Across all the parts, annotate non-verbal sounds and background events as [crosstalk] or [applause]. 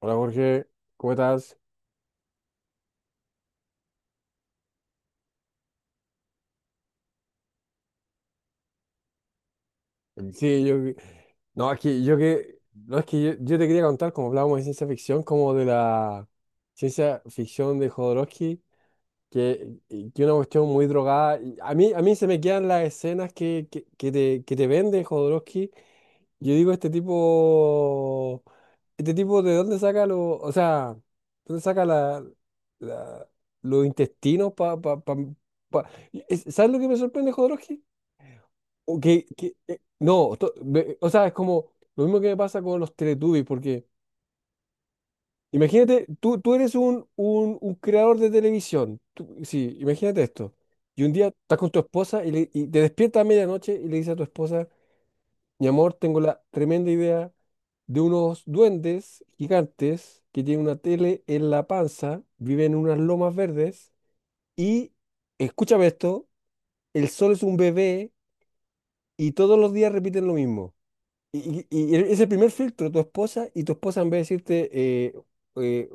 Hola Jorge, ¿cómo estás? Sí, yo... No, aquí yo que... No, es que yo te quería contar, como hablábamos de ciencia ficción, como de la ciencia ficción de Jodorowsky, que es una cuestión muy drogada. A mí se me quedan las escenas que te vende Jodorowsky. Yo digo, este tipo... Este tipo, ¿de dónde saca lo... O sea, ¿dónde saca la- los intestinos para... pa- ¿Sabes lo que me sorprende, Jodorowsky? O que- no, to- ve- O sea, es como lo mismo que me pasa con los Teletubbies, porque imagínate, tú eres un creador de televisión, sí, imagínate esto, y un día estás con tu esposa y te despiertas a medianoche y le dices a tu esposa, mi amor, tengo la tremenda idea de unos duendes gigantes que tienen una tele en la panza, viven en unas lomas verdes y, escúchame esto, el sol es un bebé y todos los días repiten lo mismo. Y es el primer filtro, tu esposa, y tu esposa en vez de decirte, eh, eh,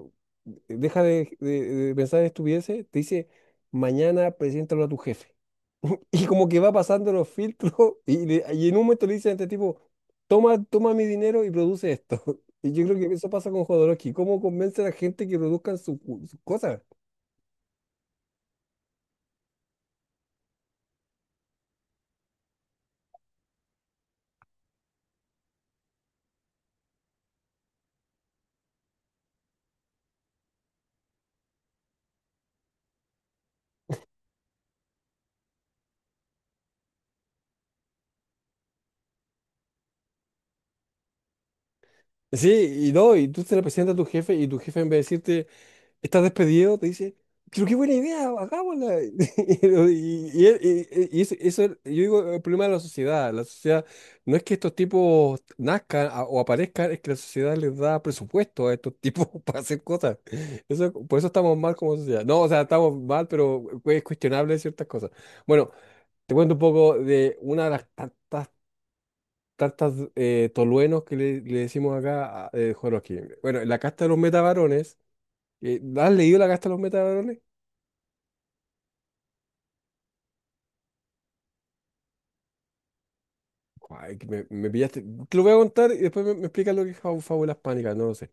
deja de pensar en estupideces, te dice, mañana preséntalo a tu jefe. [laughs] Y como que va pasando los filtros, [laughs] y en un momento le dicen a este tipo, toma, toma mi dinero y produce esto. [laughs] Y yo creo que eso pasa con Jodorowsky. ¿Cómo convence a la gente que produzcan sus cosas? Sí, y no, y tú te la presentas a tu jefe y tu jefe en vez de decirte, estás despedido, te dice, pero qué buena idea, hagámosla. [laughs] Y eso, eso es, yo digo, el problema de la sociedad. La sociedad no es que estos tipos o aparezcan, es que la sociedad les da presupuesto a estos tipos [laughs] para hacer cosas. Eso, por eso estamos mal como sociedad. No, o sea, estamos mal, pero es cuestionable ciertas cosas. Bueno, te cuento un poco de una de las tantas Tartas toluenos que le decimos acá a Joroquín. Bueno, la casta de los metavarones, ¿has leído la casta de los metavarones? Ay, que me pillaste. Te lo voy a contar y después me explicas lo que es fábulas pánicas, no lo sé.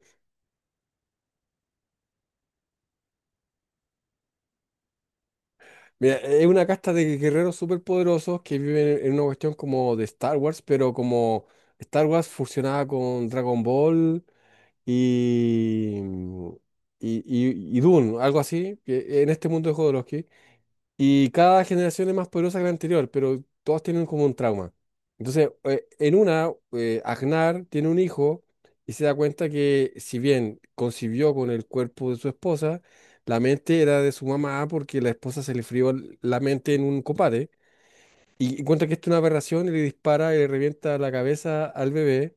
Mira, es una casta de guerreros superpoderosos que viven en una cuestión como de Star Wars, pero como Star Wars fusionada con Dragon Ball y, y Dune, algo así, que en este mundo de Jodorowsky. Y cada generación es más poderosa que la anterior, pero todas tienen como un trauma. Entonces, Agnar tiene un hijo y se da cuenta que si bien concibió con el cuerpo de su esposa, la mente era de su mamá porque la esposa se le frió la mente en un combate. Y encuentra que esto es una aberración y le dispara y le revienta la cabeza al bebé.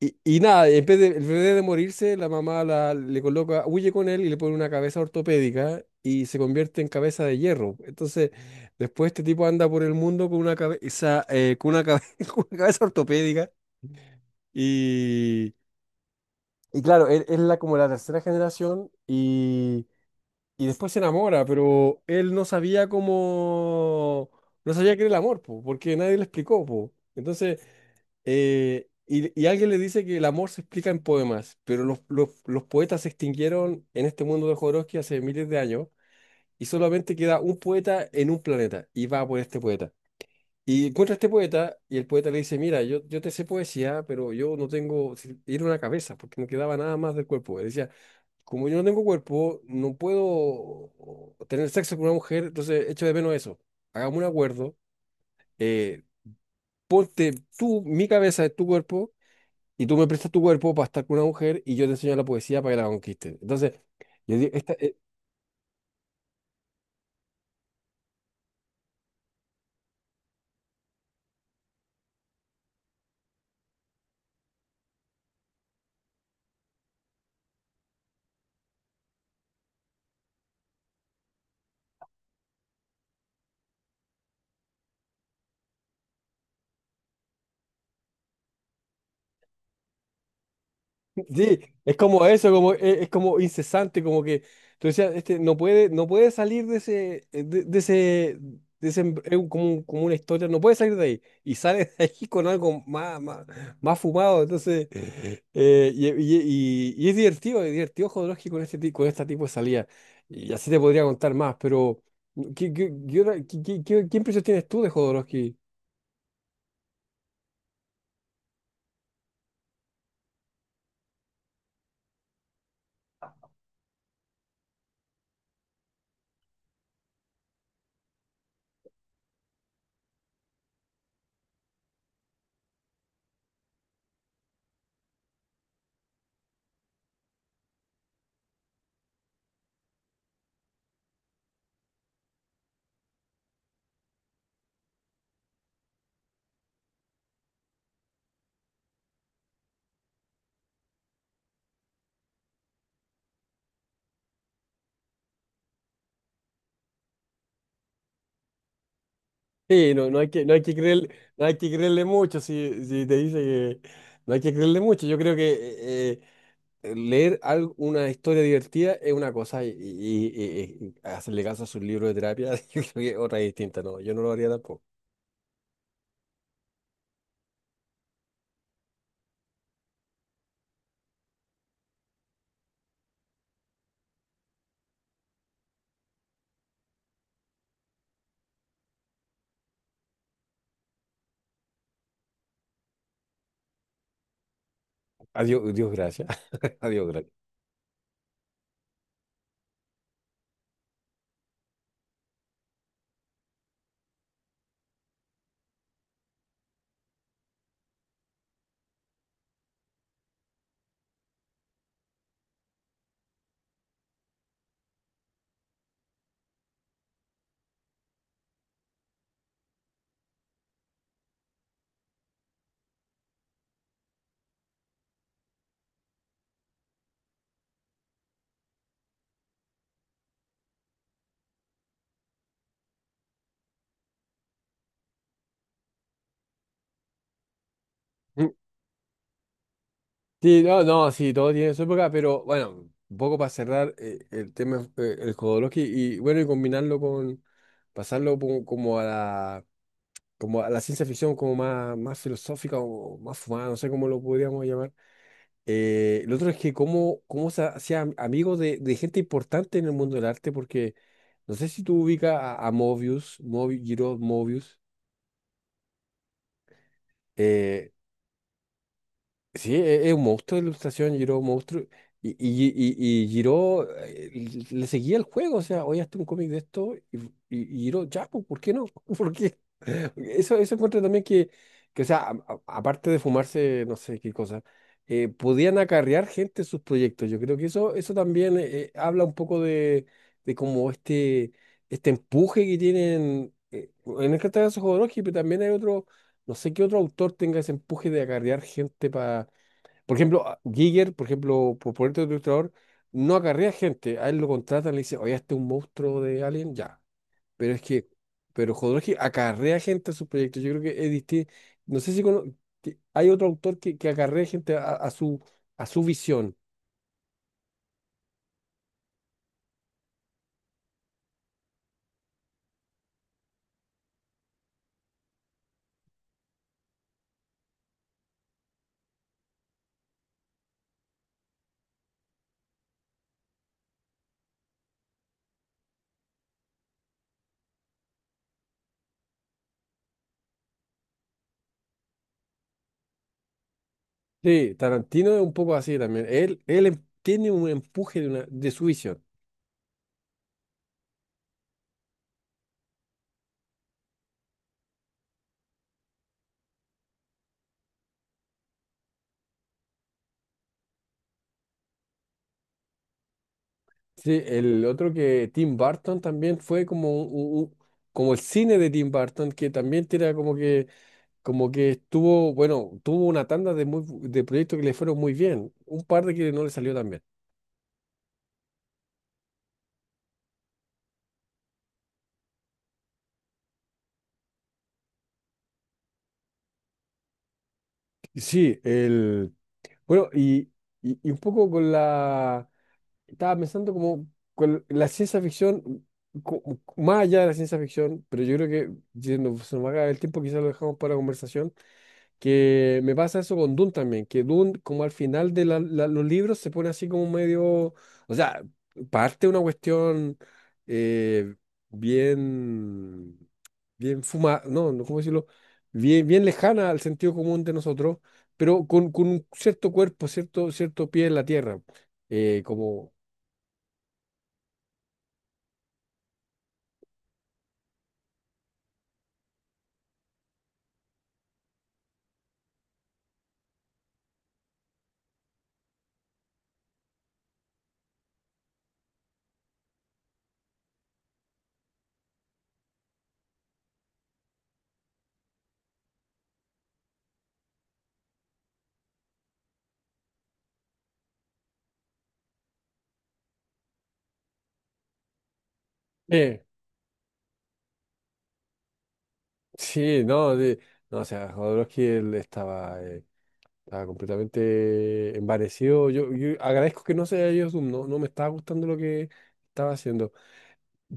Y nada, en vez de morirse, la mamá le coloca, huye con él y le pone una cabeza ortopédica y se convierte en cabeza de hierro. Entonces, después este tipo anda por el mundo con una cabeza, [laughs] con una cabeza ortopédica. Y, y claro, él es como la tercera generación y después se enamora, pero él no sabía cómo, no sabía qué era el amor, po, porque nadie le explicó, po. Entonces, y alguien le dice que el amor se explica en poemas, pero los poetas se extinguieron en este mundo de Jodorowsky hace miles de años y solamente queda un poeta en un planeta y va por este poeta. Y encuentra a este poeta y el poeta le dice, mira, yo te sé poesía, pero yo no tengo, era una cabeza, porque no quedaba nada más del cuerpo. Él decía, como yo no tengo cuerpo, no puedo tener sexo con una mujer, entonces echo de menos eso. Hagamos un acuerdo, eh, ponte tú mi cabeza en tu cuerpo y tú me prestas tu cuerpo para estar con una mujer y yo te enseño la poesía para que la conquistes. Entonces, yo digo, [laughs] sí, es como eso, como, es, como incesante, como que tú decías, este no puede, no puede salir de ese, de ese, como, como una historia, no puede salir de ahí. Y sale de ahí con algo más, más, más fumado. Entonces, [laughs] y es divertido Jodorowsky con este, con este tipo de salida. Y así te podría contar más, pero ¿qué, qué, qué, otra- qué- qué- qué- qué impresión tienes tú de Jodorowsky? Sí, no, no hay que creer, no hay que creerle mucho si, si te dice que no hay que creerle mucho. Yo creo que eh, leer algo, una historia divertida es una cosa y hacerle caso a sus libros de terapia [laughs] yo creo que es otra distinta. No, yo no lo haría tampoco. Adiós, Dios gracias. [laughs] Adiós gracias. Mm. Sí, no, no, sí, todo tiene su época, pero bueno, un poco para cerrar el tema, el Jodorowsky y bueno, y combinarlo con, pasarlo como, como a la ciencia ficción como más, más filosófica o más fumada, no sé cómo lo podríamos llamar. Lo otro es que cómo, cómo se hacía amigo de gente importante en el mundo del arte, porque no sé si tú ubicas a Mobius, Giro Mobius, eh, Sí, es un monstruo de ilustración, Giro, un monstruo. Y Giro le seguía el juego, o sea, hoy hasta un cómic de esto y Giro, ya, pues, ¿por qué no? [laughs] ¿Por qué? Eso encuentro también que, o sea, aparte de fumarse, no sé qué cosa, podían acarrear gente sus proyectos. Yo creo que eso también habla un poco de como este empuje que tienen, en el caso de Jodorowsky, pero también hay otro, no sé qué otro autor tenga ese empuje de acarrear gente por ejemplo, Giger, por ejemplo, por ponerte otro ilustrador, no acarrea gente. A él lo contratan, le dicen, oye, este es un monstruo de Alien, ya. Pero es que, pero Jodorowsky acarrea gente a sus proyectos. Yo creo que es distinto. No sé si cono- que hay otro autor que acarrea gente a su visión. Sí, Tarantino es un poco así también. Él, él tiene un empuje de, una, de su visión. Sí, el otro que Tim Burton también fue como, un- un- como el cine de Tim Burton, que también tira como que estuvo, bueno, tuvo una tanda de, muy, de proyectos que le fueron muy bien, un par de que no le salió tan bien. Y sí, el, bueno, y un poco con la, estaba pensando como con la ciencia ficción, co- más allá de la ciencia ficción, pero yo creo que, yendo, se nos va a acabar el tiempo, quizás lo dejamos para conversación. Que me pasa eso con Dune también, que Dune como al final de los libros se pone así como medio, o sea, parte una cuestión eh, bien, bien fuma, no, no, ¿cómo decirlo? Bien, bien lejana al sentido común de nosotros, pero con un cierto cuerpo, cierto, cierto pie en la tierra. eh, como, eh, sí, no, no, o sea, Jodorowsky él estaba estaba completamente envanecido. Yo agradezco que no sea yo ido Doom, no, no me estaba gustando lo que estaba haciendo.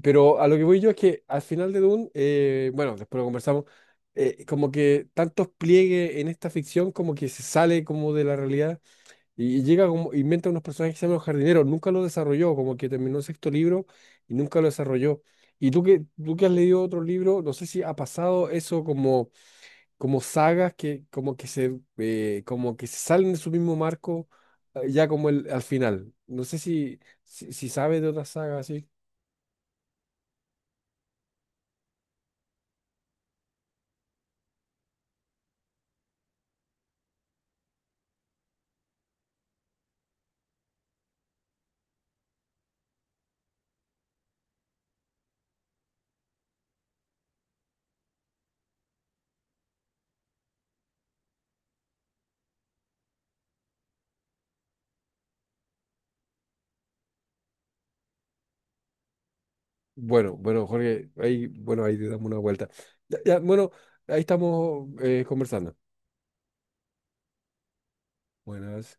Pero a lo que voy yo es que al final de Doom, bueno, después lo conversamos, como que tantos pliegues en esta ficción como que se sale como de la realidad y llega como, inventa unos personajes que se llaman los jardineros, nunca lo desarrolló, como que terminó el sexto libro y nunca lo desarrolló. Tú que has leído otro libro, no sé si ha pasado eso como como sagas que como que se salen de su mismo marco ya como el al final. No sé si si, si sabes de otra saga así. Bueno, bueno, Jorge, ahí bueno, ahí te damos una vuelta. Ya, ya, bueno, ahí estamos conversando. Buenas.